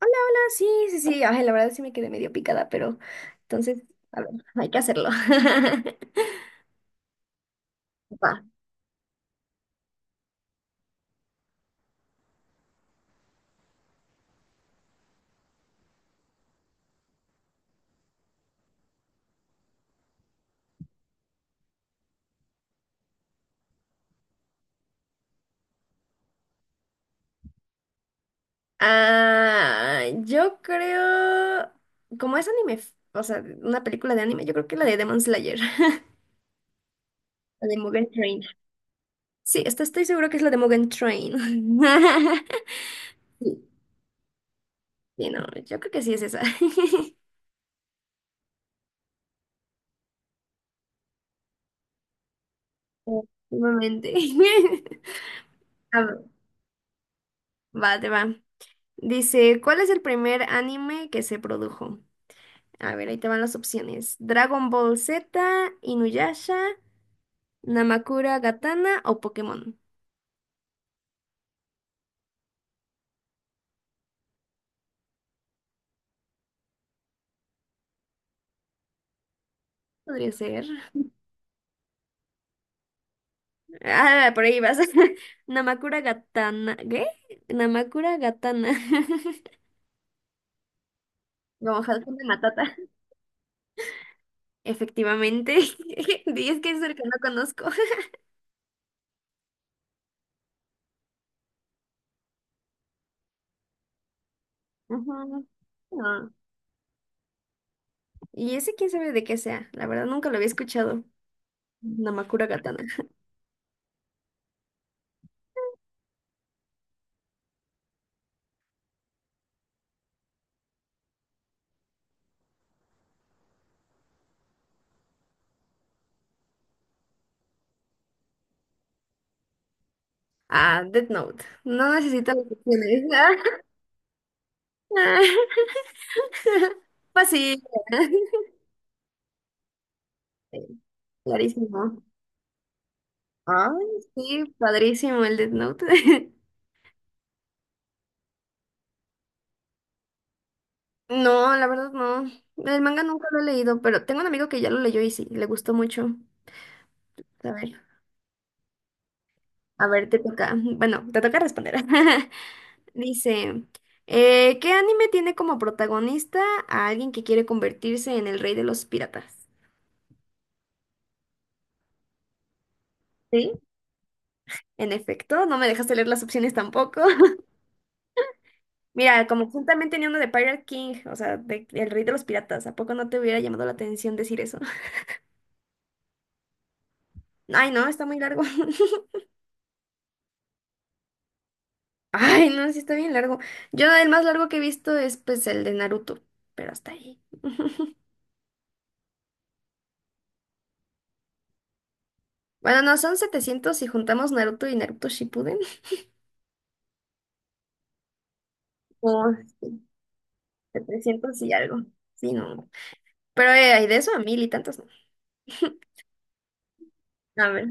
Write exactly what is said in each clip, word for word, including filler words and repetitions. Hola, hola, sí, sí, sí. Ay, la verdad sí me quedé medio picada, pero entonces, a ver, hay que hacerlo. Va. Ah, yo creo, como es anime, f- o sea, una película de anime, yo creo que la de Demon Slayer, la de Mugen Train. Sí, esto estoy seguro que es la de Mugen Train. Sí, sí, no, yo creo que sí es esa. Últimamente. A ver, va, te va. Dice, ¿cuál es el primer anime que se produjo? A ver, ahí te van las opciones. Dragon Ball Z, Inuyasha, Namakura Gatana o Pokémon. Podría ser. Ah, por ahí vas. Namakura Gatana. ¿Qué? Namakura Gatana. Como Hakuna Matata. Efectivamente. Y es que es el que no conozco. Ujú. No. Y ese quién sabe de qué sea. La verdad nunca lo había escuchado. Namakura Katana. Ah, Death Note. No necesita las opciones. Ah, ah. Fácil. Clarísimo. Ay, sí, padrísimo el Death Note. No, la verdad no. El manga nunca lo he leído, pero tengo un amigo que ya lo leyó y sí, le gustó mucho. A ver, a ver, te toca. Bueno, te toca responder. Dice, eh, ¿qué anime tiene como protagonista a alguien que quiere convertirse en el rey de los piratas? Sí, en efecto, no me dejaste leer las opciones tampoco. Mira, como tú también tenía uno de Pirate King, o sea, de, el rey de los piratas, ¿a poco no te hubiera llamado la atención decir eso? Ay, no, está muy largo. Ay, no, sí está bien largo. Yo el más largo que he visto es pues el de Naruto, pero hasta ahí. Bueno, no, son setecientos si juntamos Naruto y Naruto Shippuden. No, sí, setecientos y algo. Sí, no. Pero eh, hay de eso a mil y tantos, ¿no? A ver.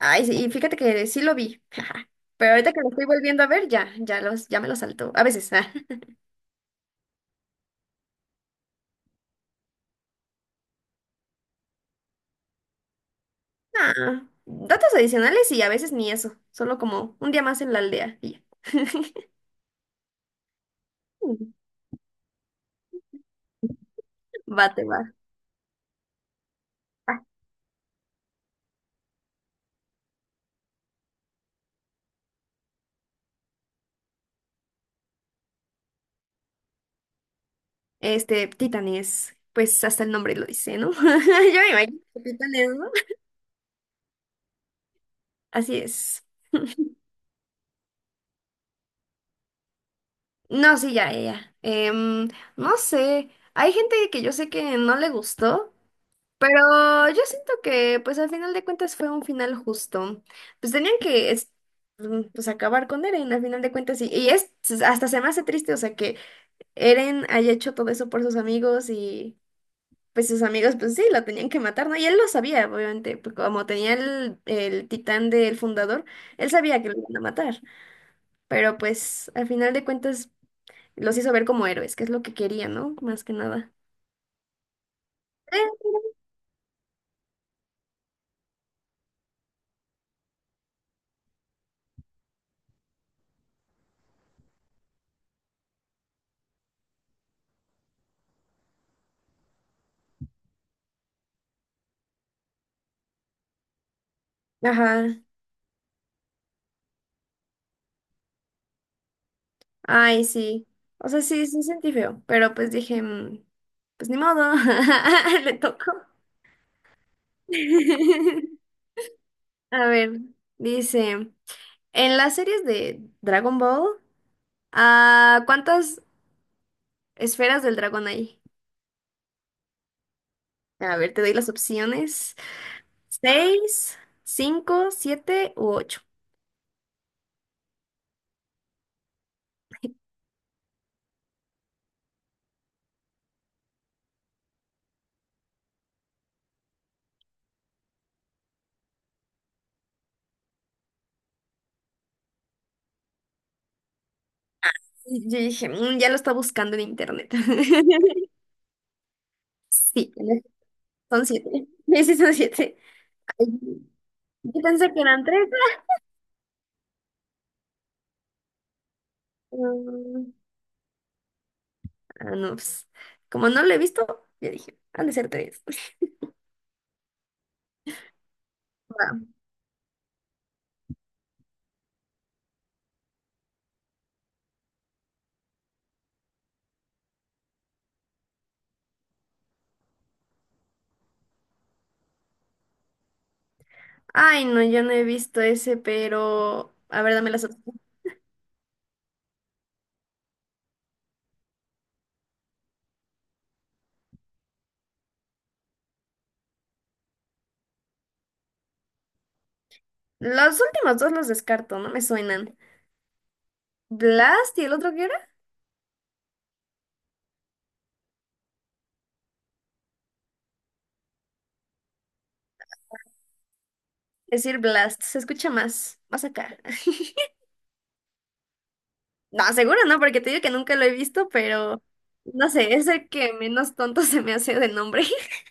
Ay, sí, y fíjate que sí lo vi. Pero ahorita que lo estoy volviendo a ver, ya, ya los, ya me lo salto. A veces. Ah. Ah, datos adicionales y a veces ni eso. Solo como un día más en la aldea. Y ya. Bate, ah, este, Titanes, pues hasta el nombre lo dice, ¿no? Yo me imagino que Titanes, ¿no? Así es. No, sí, ya, ya. Ya. Em, no sé, hay gente que yo sé que no le gustó, pero yo siento que pues al final de cuentas fue un final justo. Pues tenían que es- mm, pues acabar con Eren al final de cuentas y, y es hasta se me hace triste, o sea, que Eren haya hecho todo eso por sus amigos y pues sus amigos, pues sí, lo tenían que matar, ¿no? Y él lo sabía, obviamente, pues, como tenía el, el titán del fundador, él sabía que lo iban a matar, pero pues al final de cuentas los hizo ver como héroes, que es lo que quería, ¿no? Más que nada. Eh, Ajá, ay, sí. O sea, sí, sí sentí feo, pero pues dije, mm, pues ni modo, le tocó. A ver, dice, en las series de Dragon Ball, ah, ¿cuántas esferas del dragón hay? A ver, te doy las opciones. Seis, cinco, siete u ocho. Y yo dije, "Mm, ya lo está buscando en internet". Sí, son siete. Sí, son siete. Ay, yo pensé que eran tres. Mm, ah, no, pues, como no lo he visto, yo dije, han de ser tres. Va. Ay, no, yo no he visto ese, pero... A ver, dame las opciones. Los últimos dos los descarto, no me suenan. ¿Blast y el otro qué era? Decir Blast, se escucha más, más acá. No, seguro no, porque te digo que nunca lo he visto, pero no sé, es el que menos tonto se me hace de nombre.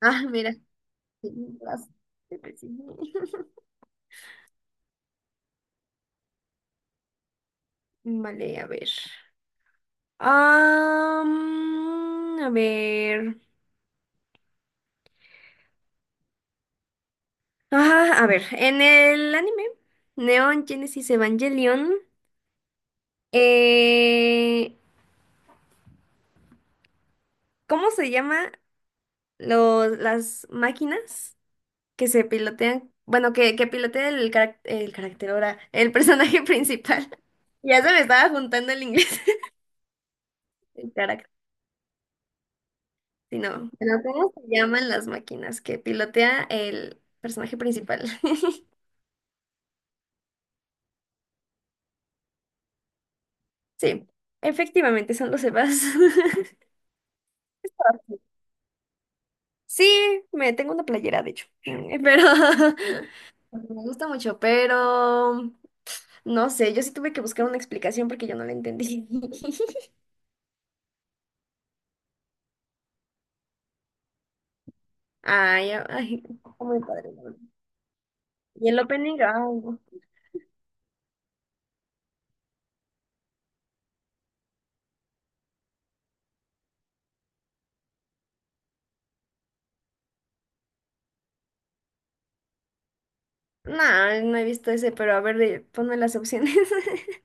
Ah, mira. Las- Vale, a ver. Am, a ver. Ah, a ver, en el anime Neon Genesis Evangelion, eh, ¿cómo se llama los, las máquinas que se pilotean, bueno, que, que pilotea el, carac- el carácter ahora, el personaje principal? Ya se me estaba juntando el inglés. El carácter, sí, no. Pero ¿cómo se llaman las máquinas que pilotea el personaje principal? Sí, efectivamente son los Evas. Sí, me tengo una playera, de hecho. Pero porque me gusta mucho, pero no sé, yo sí tuve que buscar una explicación porque yo no la entendí. Ay, ay, está muy padre. Y el opening, ah, no, nah, no he visto ese, pero a ver, de- ponme las opciones.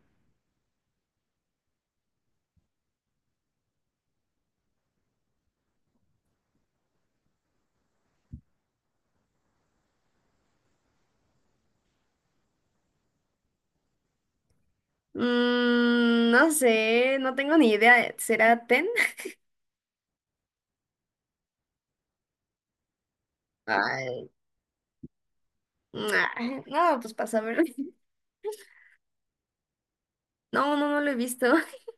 Mm, no sé, no tengo ni idea. ¿Será Ten? Ay, nah, no, pues pasa a ver. No, no, no lo he visto.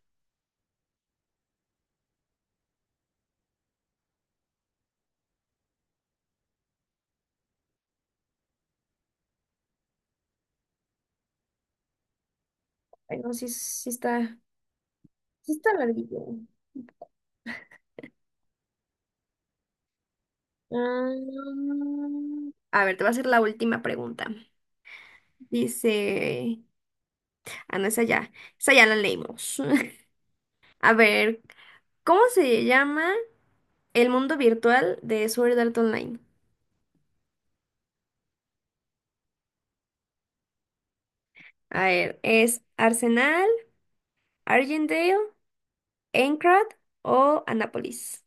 Ay, no, sí, sí está, sí está larguillo. Ah, mm, a ver, te voy a hacer la última pregunta. Dice, ah, no, esa ya, esa ya la leímos. A ver, ¿cómo se llama el mundo virtual de Sword Art Online? A ver, ¿es Arsenal, Argendale, Eintracht o Anápolis?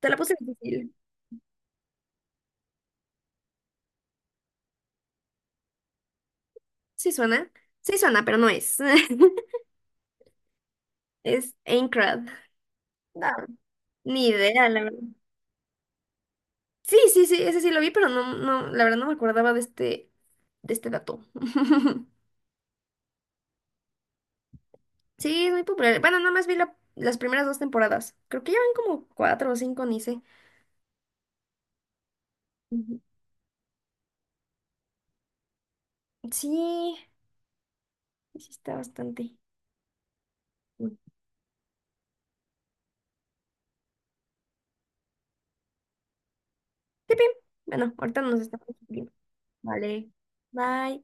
Te la puse difícil. Sí suena. Sí suena, pero no es. Es Eintracht. No, ni idea, la verdad. Sí, sí, sí, ese sí lo vi, pero no, no, la verdad no me acordaba de este, de este dato. Sí, es muy popular. Bueno, nada más vi la- las primeras dos temporadas. Creo que ya van como cuatro o cinco, ni sé. Ujú. Sí, sí está bastante. Mm. Sí, bien. Bueno, ahorita nos estamos viendo. Vale, bye.